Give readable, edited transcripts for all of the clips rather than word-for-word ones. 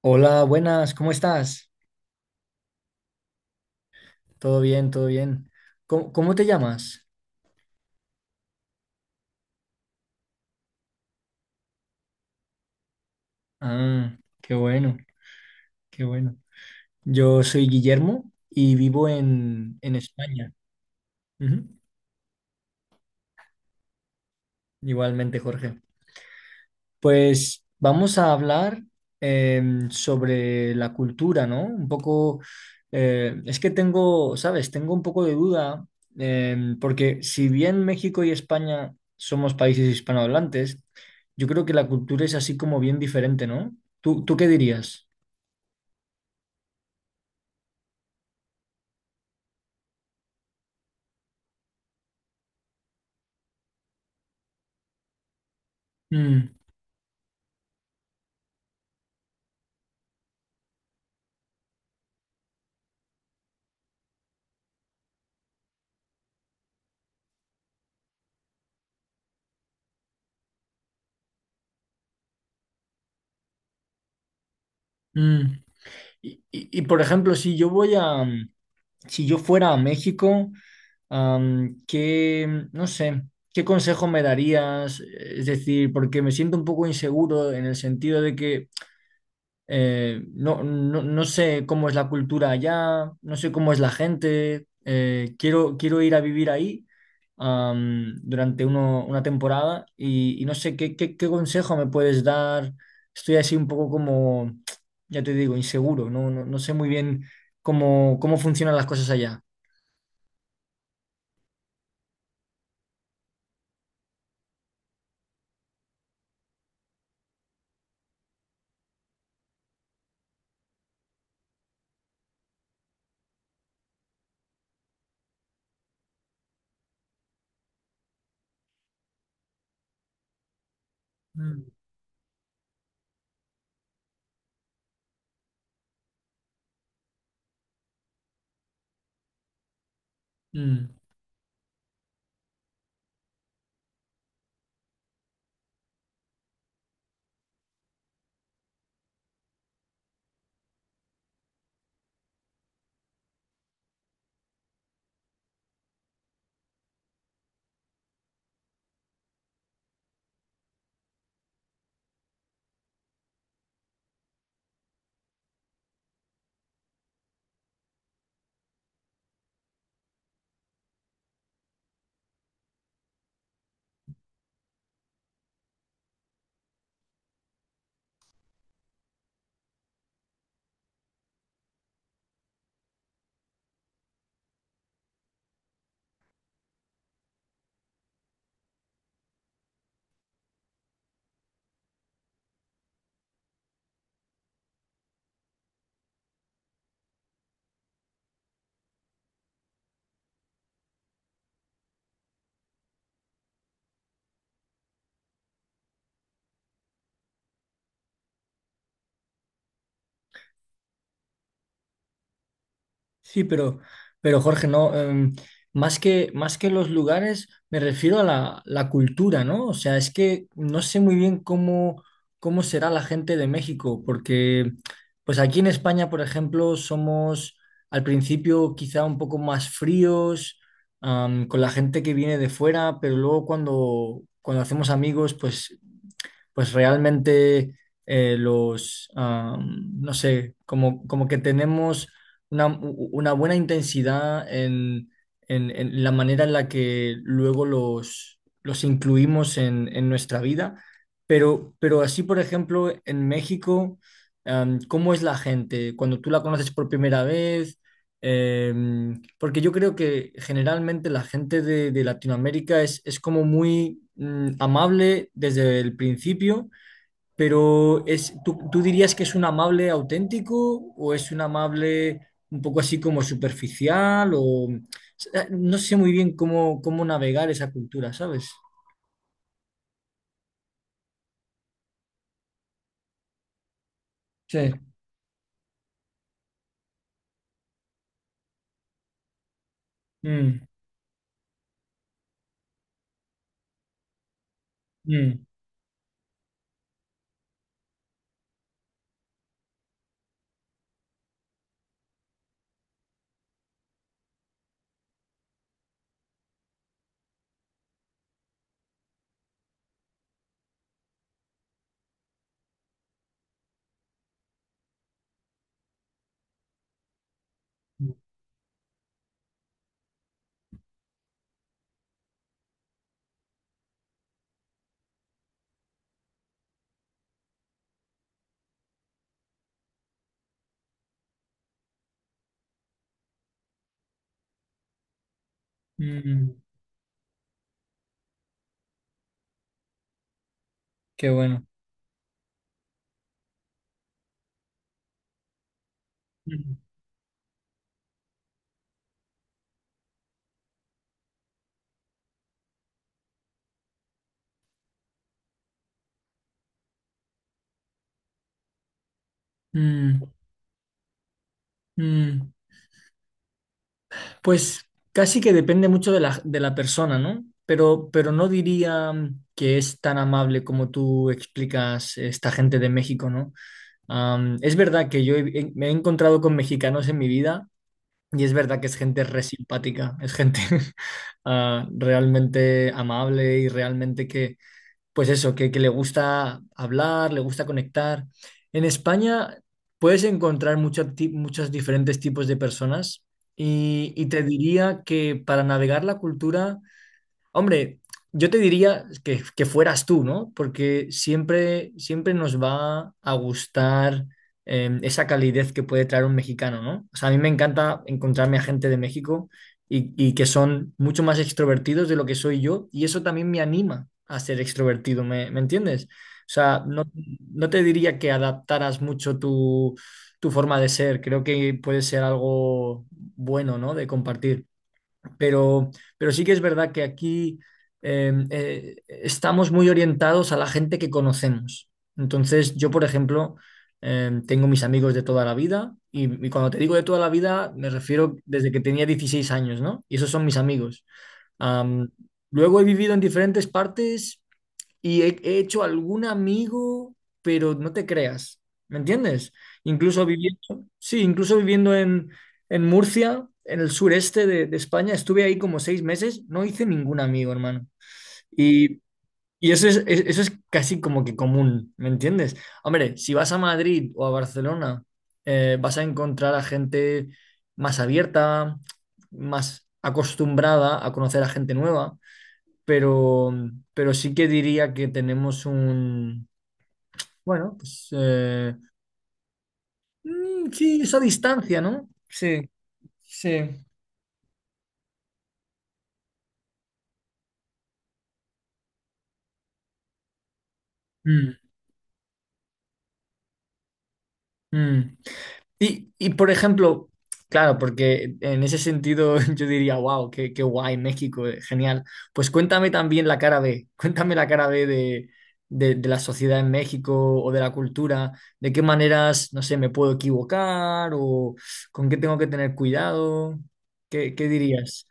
Hola, buenas, ¿cómo estás? Todo bien, todo bien. ¿Cómo, cómo te llamas? Ah, qué bueno, qué bueno. Yo soy Guillermo y vivo en España. Ujú. Igualmente, Jorge. Pues vamos a hablar sobre la cultura, ¿no? Un poco, es que tengo, ¿sabes? Tengo un poco de duda, porque si bien México y España somos países hispanohablantes, yo creo que la cultura es así como bien diferente, ¿no? ¿Tú qué dirías? Mm. Mm. Y, por ejemplo, si yo voy a, si yo fuera a México, ¿qué, no sé, qué consejo me darías? Es decir, porque me siento un poco inseguro en el sentido de que no sé cómo es la cultura allá, no sé cómo es la gente, quiero ir a vivir ahí durante una temporada y no sé qué consejo me puedes dar. Estoy así un poco como, ya te digo, inseguro, no sé muy bien cómo, cómo funcionan las cosas allá. Mm. Mm. Sí, pero Jorge, no, más que los lugares, me refiero a la, la cultura, ¿no? O sea, es que no sé muy bien cómo, cómo será la gente de México, porque pues aquí en España, por ejemplo, somos al principio quizá un poco más fríos, con la gente que viene de fuera, pero luego cuando, cuando hacemos amigos, pues pues realmente los, no sé, como, como que tenemos una, una buena intensidad en, en la manera en la que luego los incluimos en nuestra vida, pero así, por ejemplo, en México, ¿cómo es la gente? Cuando tú la conoces por primera vez, porque yo creo que generalmente la gente de Latinoamérica es como muy amable desde el principio, pero es, ¿tú dirías que es un amable auténtico o es un amable un poco así como superficial o no sé muy bien cómo, cómo navegar esa cultura, ¿sabes? Sí. Mm, mm, mm, qué bueno. Mm, mm, mm. Pues casi que depende mucho de la persona, ¿no? Pero no diría que es tan amable como tú explicas esta gente de México, ¿no? Es verdad que yo me he encontrado con mexicanos en mi vida y es verdad que es gente re simpática, es gente ah, realmente amable y realmente que, pues eso, que le gusta hablar, le gusta conectar. En España puedes encontrar muchos diferentes tipos de personas y te diría que para navegar la cultura. Hombre, yo te diría que fueras tú, ¿no? Porque siempre, siempre nos va a gustar esa calidez que puede traer un mexicano, ¿no? O sea, a mí me encanta encontrarme a gente de México y que son mucho más extrovertidos de lo que soy yo y eso también me anima a ser extrovertido, ¿me entiendes? O sea, no, no te diría que adaptaras mucho tu, tu forma de ser, creo que puede ser algo bueno, ¿no? De compartir. Pero, pero sí que es verdad que aquí estamos muy orientados a la gente que conocemos. Entonces, yo, por ejemplo, tengo mis amigos de toda la vida y cuando te digo de toda la vida, me refiero desde que tenía 16 años, ¿no? Y esos son mis amigos. Am, luego he vivido en diferentes partes y he hecho algún amigo, pero no te creas, ¿me entiendes? Incluso viviendo, sí, incluso viviendo en Murcia, en el sureste de España, estuve ahí como 6 meses, no hice ningún amigo, hermano. Y, y eso es, eso es casi como que común, ¿me entiendes? Hombre, si vas a Madrid o a Barcelona, vas a encontrar a gente más abierta, más acostumbrada a conocer a gente nueva, pero, pero sí que diría que tenemos un, bueno, pues sí, esa distancia, ¿no? Sí, sí. Mm, mm. Y, por ejemplo, claro, porque en ese sentido yo diría, wow, qué, qué guay México, genial. Pues cuéntame también la cara B, cuéntame la cara B de la sociedad en México o de la cultura, de qué maneras, no sé, me puedo equivocar o con qué tengo que tener cuidado, ¿qué, qué dirías?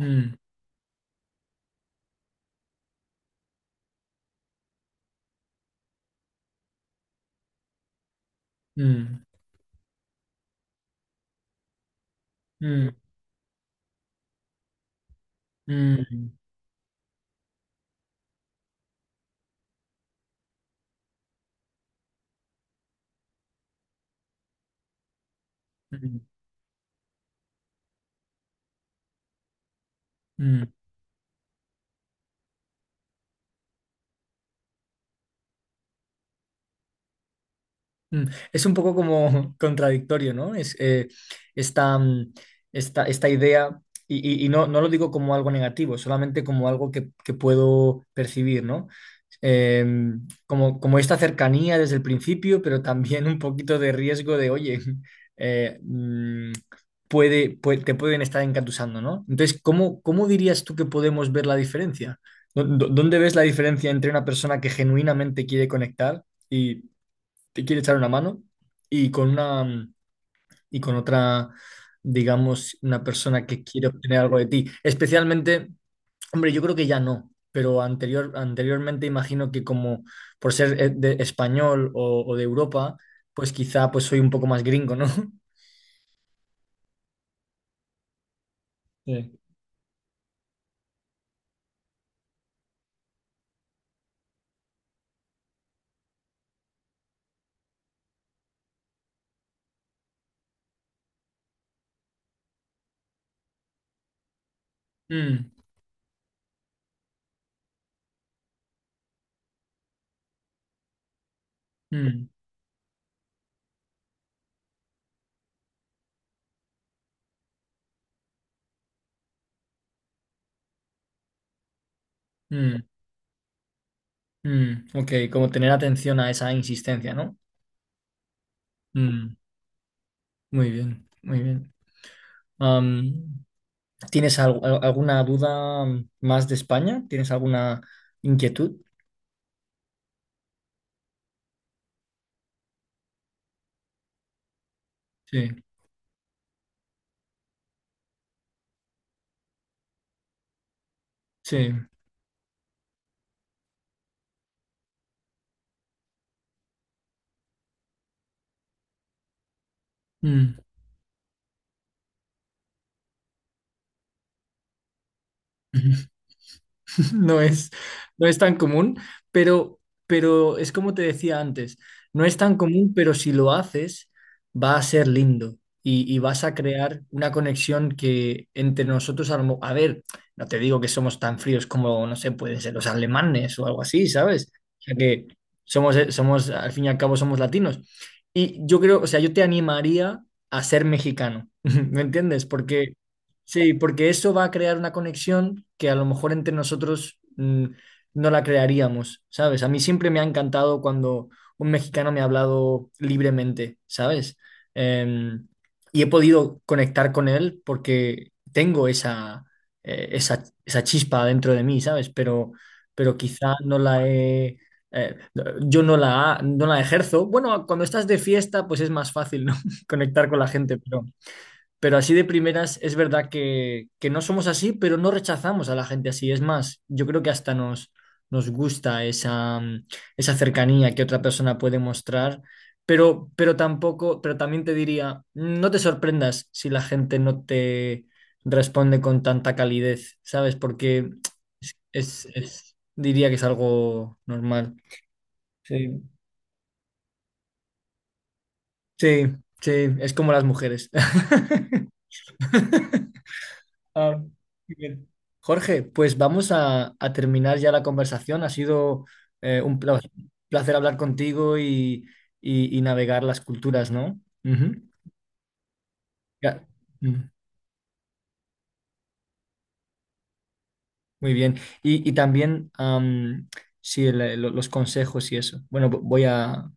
Mm, mm, mm, mm, mm, mm, mm. Es un poco como contradictorio, ¿no? Es, esta, esta, esta idea, y, y no, no lo digo como algo negativo, solamente como algo que puedo percibir, ¿no? eh, como, como esta cercanía desde el principio, pero también un poquito de riesgo de, oye, eh, mm, puede, te pueden estar encatusando, ¿no? Entonces, ¿cómo, cómo dirías tú que podemos ver la diferencia? ¿Dónde ves la diferencia entre una persona que genuinamente quiere conectar y te quiere echar una mano y con una y con otra, digamos, una persona que quiere obtener algo de ti? Especialmente hombre, yo creo que ya no, pero anterior, anteriormente imagino que como por ser de español o de Europa, pues quizá pues soy un poco más gringo, ¿no? Sí. Mm, mm, mm, mm. Ok, como tener atención a esa insistencia, ¿no? Mm, muy bien, muy bien. Am, ¿Tienes alguna duda más de España? ¿Tienes alguna inquietud? Sí, sí. Mm. No es, no es tan común, pero, pero es como te decía antes, no es tan común, pero si lo haces, va a ser lindo y vas a crear una conexión que entre nosotros, a, a ver, no te digo que somos tan fríos como, no sé, pueden ser los alemanes o algo así, ¿sabes? O sea que somos, somos, al fin y al cabo, somos latinos. Y yo creo, o sea, yo te animaría a ser mexicano, ¿me entiendes? Porque sí, porque eso va a crear una conexión que a lo mejor entre nosotros no la crearíamos, ¿sabes? A mí siempre me ha encantado cuando un mexicano me ha hablado libremente, ¿sabes? Em, y he podido conectar con él porque tengo esa, esa, esa chispa dentro de mí, ¿sabes? Pero quizá no la he... eh, yo no la, no la ejerzo. Bueno, cuando estás de fiesta, pues es más fácil, ¿no? Conectar con la gente, pero así de primeras es verdad que no somos así, pero no rechazamos a la gente así. Es más, yo creo que hasta nos, nos gusta esa, esa cercanía que otra persona puede mostrar, pero tampoco, pero también te diría, no te sorprendas si la gente no te responde con tanta calidez, ¿sabes? Porque es, diría que es algo normal. Sí, sí, sí, es como las mujeres. Ah, bien. Jorge, pues vamos a terminar ya la conversación. Ha sido un placer hablar contigo y, y navegar las culturas, ¿no? Ujú. Ya. Mm, muy bien. Y también am, sí, los consejos y eso. Bueno, voy a,